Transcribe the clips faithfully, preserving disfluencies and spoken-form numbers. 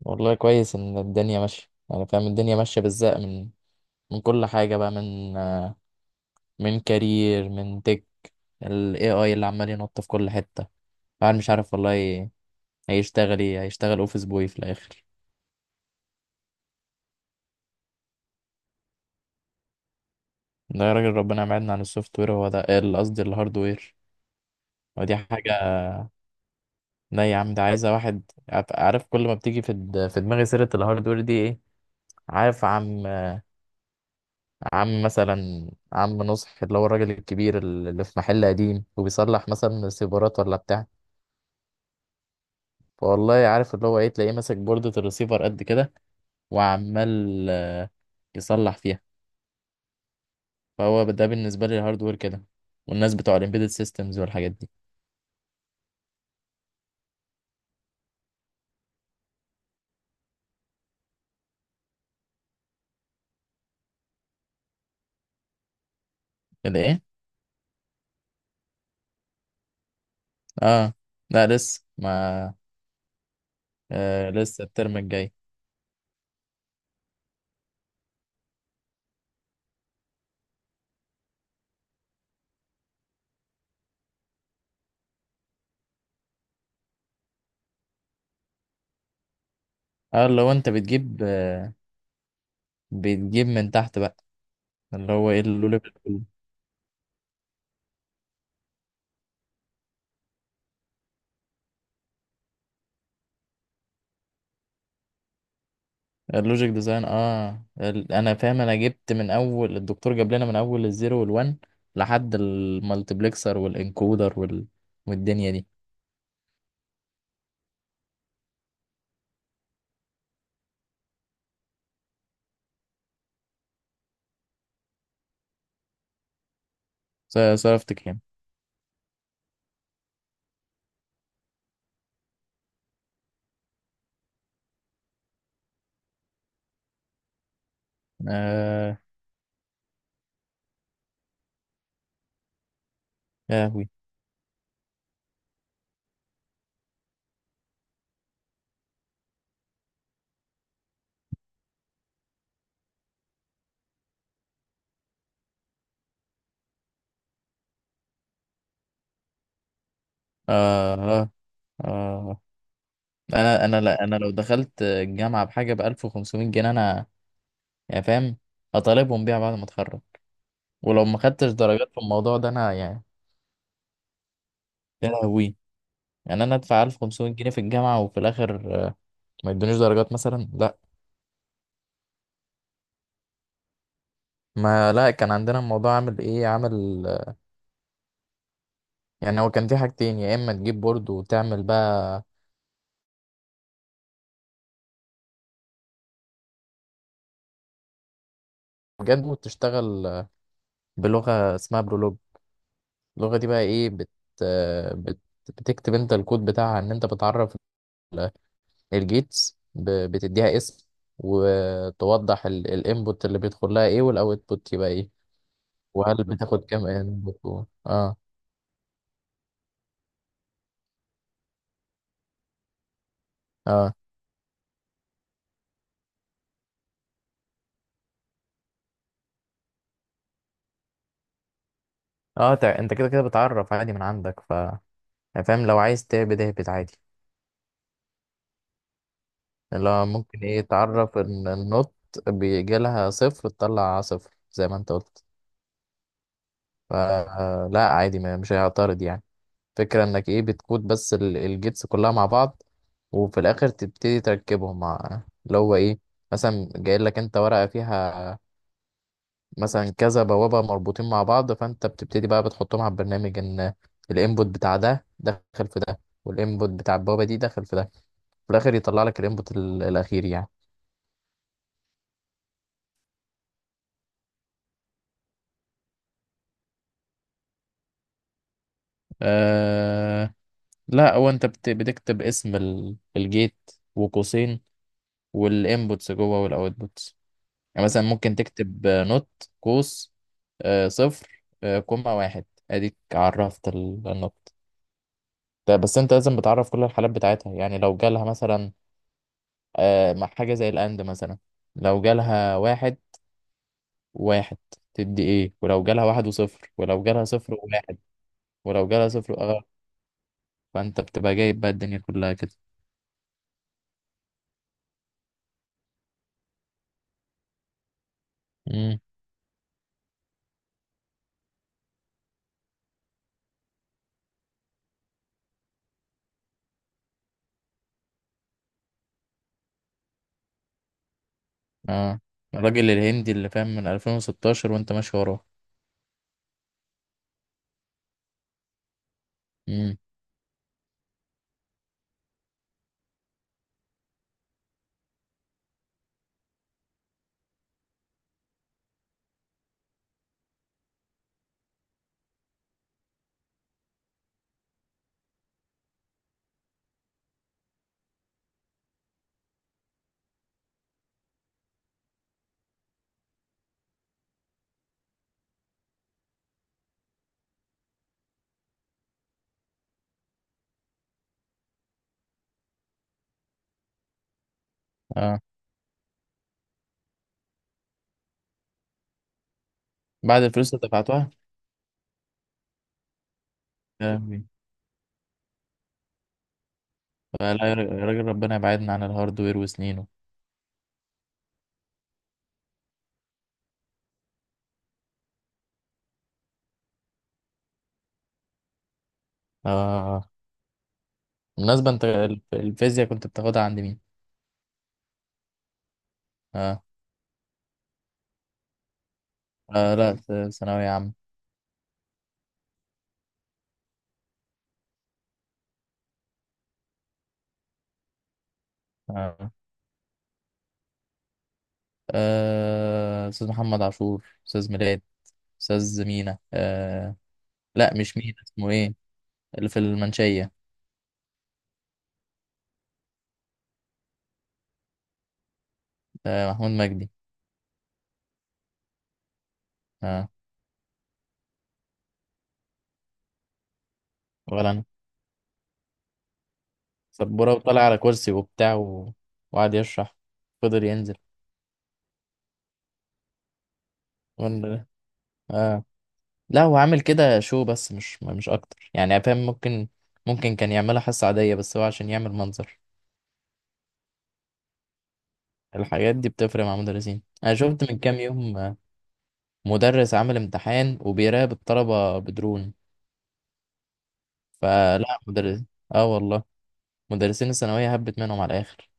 والله كويس ان الدنيا ماشيه، يعني فاهم. الدنيا ماشيه بالزق من من كل حاجه بقى، من آه، من كارير، من تك ال إيه آي اللي عمال ينط في كل حته. الواحد مش عارف والله، ي- هيشتغل ايه، هيشتغل اوفيس بوي في الاخر. ده يا راجل ربنا يبعدنا عن السوفت وير، هو ده ال- قصدي الهارد وير، ودي حاجه. لا يا عم، ده عايزه واحد عارف عارف كل ما بتيجي في د- في دماغي سيره الهارد وير دي ايه. عارف عم عم مثلا عم نصح، اللي هو الراجل الكبير اللي في محل قديم وبيصلح مثلا سيبرات ولا بتاع. والله عارف، اللي هو ايه، تلاقيه ماسك بوردة الريسيفر قد كده، وعمال آه، يصلح فيها. فهو ده بالنسبة لي الهاردوير كده، والناس بتوع الامبيدد سيستمز والحاجات دي. كده ايه؟ اه. لا لسه ما. آه لسه الترم الجاي. اه، اللي هو انت بتجيب آه بتجيب من تحت بقى، اللي هو ايه، اللوليب- اللوجيك ديزاين. اه، ال- انا فاهم، انا جبت من اول، الدكتور جاب لنا من اول الزيرو والوان لحد المالتيبلكسر والانكودر وال... والدنيا دي. ص- صرفت كام؟ آه. يا هوي. آه. آه. آه. أنا أنا، لا، أنا لو دخلت الجامعة بحاجة ب ألف وخمسمية جنيه، أنا يعني فاهم هطالبهم بيها بعد ما أتخرج. ولو ما خدتش درجات في الموضوع ده، أنا يعني. يا لهوي. يعني أنا أدفع ألف وخمسمائة جنيه في الجامعة وفي الآخر آه، ما يدونيش درجات مثلا؟ لا. ما لا، كان عندنا الموضوع عامل إيه، عامل آه، يعني، هو كان في حاجتين، يا إما تجيب بورد وتعمل بقى بجد، وتشتغل آه، بلغة اسمها برولوج. اللغة دي بقى ايه، بت... بت... بتكتب انت الكود بتاعها، ان انت بتعرف ال- الجيتس، ب... بتديها اسم، وتوضح ال... الانبوت اللي بيدخل لها ايه والاوتبوت يبقى ايه. وهل بتاخد كام انبوت و... اه اه. اه، تع- انت كده كده بتعرف عادي من عندك، ف يعني فاهم، لو عايز تهبد اهبد عادي. اللي هو ممكن ايه، تعرف ان النوت بيجي لها صفر تطلع صفر زي ما انت قلت. فلا عادي، ما- مش هيعترض يعني. فكرة انك ايه، بتكود بس ال- الجيتس كلها مع بعض، وفي الاخر تبتدي تركبهم مع اللي هو ايه. مثلا جاي لك انت ورقة فيها مثلا كذا بوابة مربوطين مع بعض، فانت بتبتدي بقى بتحطهم على البرنامج، ان الانبوت بتاع ده دخل في ده، والانبوت بتاع البوابة دي دخل في ده، في الاخر يطلع لك الانبوت ال- الاخير يعني. آه لا، هو انت بت- بتكتب اسم ال- الجيت وقوسين، والانبوتس جوه والاوتبوتس. يعني مثلا ممكن تكتب آه، نوت قوس آه، صفر آه، كوما واحد، اديك عرفت ال- النوت ده. بس انت لازم بتعرف كل الحالات بتاعتها، يعني لو جالها مثلا آه، مع حاجة زي الاند مثلا، لو جالها واحد واحد تدي ايه، ولو جالها واحد وصفر، ولو جالها صفر وواحد، ولو جالها صفر. اه. فانت بتبقى جايب بقى الدنيا كلها كده. امم. اه، الراجل الهندي اللي فاهم من ألفين وستاشر وانت ماشي وراه. امم. اه، بعد الفلوس اللي دفعتها؟ فلا يا راجل، ربنا يبعدنا عن الهاردوير وسنينه. آه بالمناسبة، انت الف- الفيزياء كنت بتاخدها عند مين؟ آه. آه، لا، ث- ثانوية عامة. آه. آه، أستاذ محمد عاشور، أستاذ ميلاد، أستاذ مينا. آه لا مش مينا، اسمه ايه، اللي في المنشية. آه، محمود مجدي. آه. ولا أنا. سبورة، وطلع على كرسي وبتاع و... وقعد يشرح، فضل ينزل. ولا- آه لا، هو عامل كده شو، بس مش مش اكتر يعني، فاهم. ممكن ممكن كان يعملها حصة عادية، بس هو عشان يعمل منظر. الحاجات دي بتفرق مع مدرسين، انا شفت من كام يوم آه، مدرس عامل امتحان وبيراقب الطلبة بدرون. فلا مدرس. اه والله، مدرسين الثانوية هبت منهم على الاخر.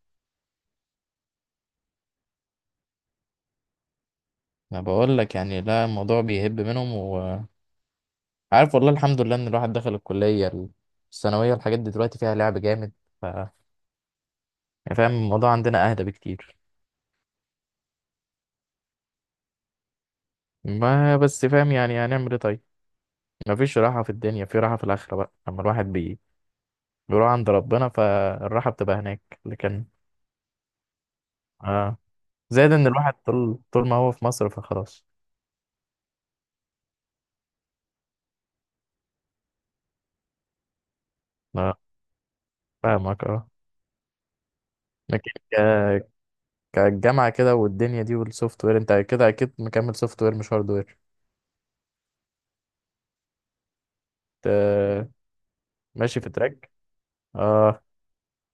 انا بقول لك يعني، لا، الموضوع بيهب منهم وعارف، والله الحمد لله ان الواحد دخل الكلية. الثانوية الحاجات دي دلوقتي فيها لعب جامد، ف يعني فاهم الموضوع عندنا اهدى بكتير. ما بس فاهم، يعني هنعمل ايه طيب. مفيش راحة في الدنيا، في راحة في الآخرة بقى، لما الواحد بي... بيروح عند ربنا فالراحة بتبقى هناك، لكن. آه. زائد إن الواحد طول طول ما هو في مصر فخلاص. آه. فاهمك. آه، لكن ك... كالجامعة كده والدنيا دي والسوفت وير، أنت كده أكيد مكمل سوفت وير مش هارد وير. ت... ماشي في تراك. آه.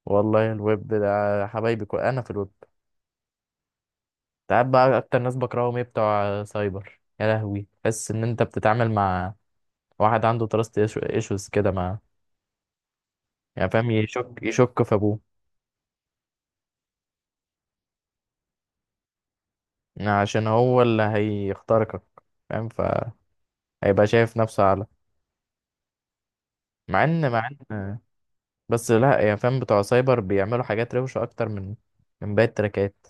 والله الويب ده حبايبي، كو... أنا في الويب. أنت عارف بقى أكتر ناس بكرههم إيه؟ بتوع سايبر. يا لهوي، تحس إن أنت بتتعامل مع واحد عنده تراست ايشوز كده، ما يعني فاهم، يشك يشك في ابوه. عشان هو اللي هيخترقك، فاهم، فهيبقى شايف نفسه اعلى. مع ان مع ان بس لا، يعني فاهم، بتوع سايبر بيعملوا حاجات روشة اكتر من من باقي التراكات.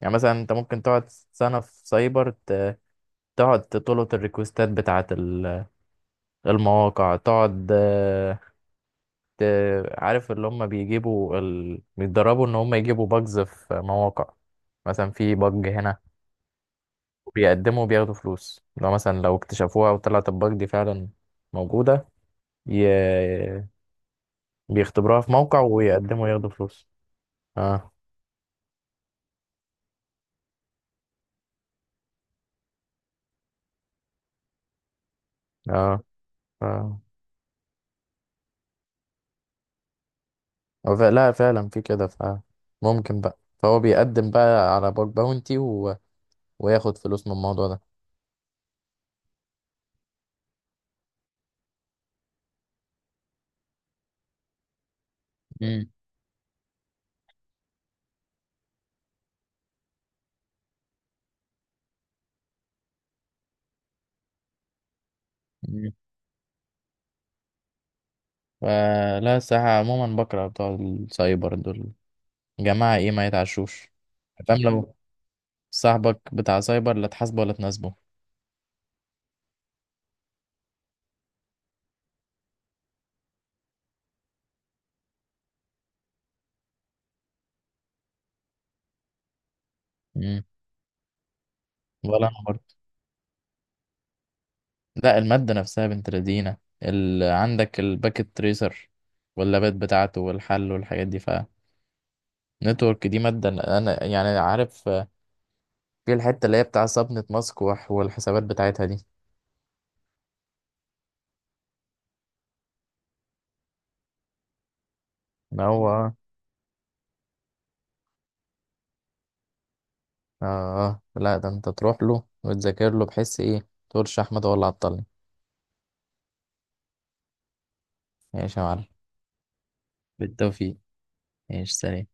يعني مثلا انت ممكن تقعد سنة في سايبر، ت- تقعد تطلب الريكوستات بتاعة ال- المواقع، تقعد آه، ت- عارف اللي هم بيجيبوا ال... بيتدربوا ان هم يجيبوا باجز في مواقع، مثلا في باج هنا، بيقدموا وبياخدوا فلوس لو مثلا لو اكتشفوها وطلعت الباج دي فعلا موجودة. ي... بيختبروها في موقع ويقدموا ياخدوا فلوس. اه. اه. اه. أو ف... لا، فعلا في كده، ف ممكن بقى، فهو بيقدم بقى على باج باونتي و... وياخد فلوس من الموضوع ده. امم. لا، الصراحة عموما بكره بتوع السايبر دول، جماعة ايه، ما يتعشوش. فاهم، لو صاحبك بتاع سايبر لا تحاسبه ولا تناسبه. امم. ولا انا برضه. لا، المادة نفسها بنت لذينة، ال... عندك الباكت تريسر واللابات بتاعته والحل والحاجات دي. فنتورك دي مادة، أنا أنا يعني عارف آه، في الحتة اللي هي بتاع صبنة مسكوح والحسابات بتاعتها دي. إن هو آه آه لا، ده أنت تروح له وتذاكر له، بحيث إيه تقولش أحمد هو اللي عطلني. ماشي يا معلم. بالتوفيق. ماشي سلام.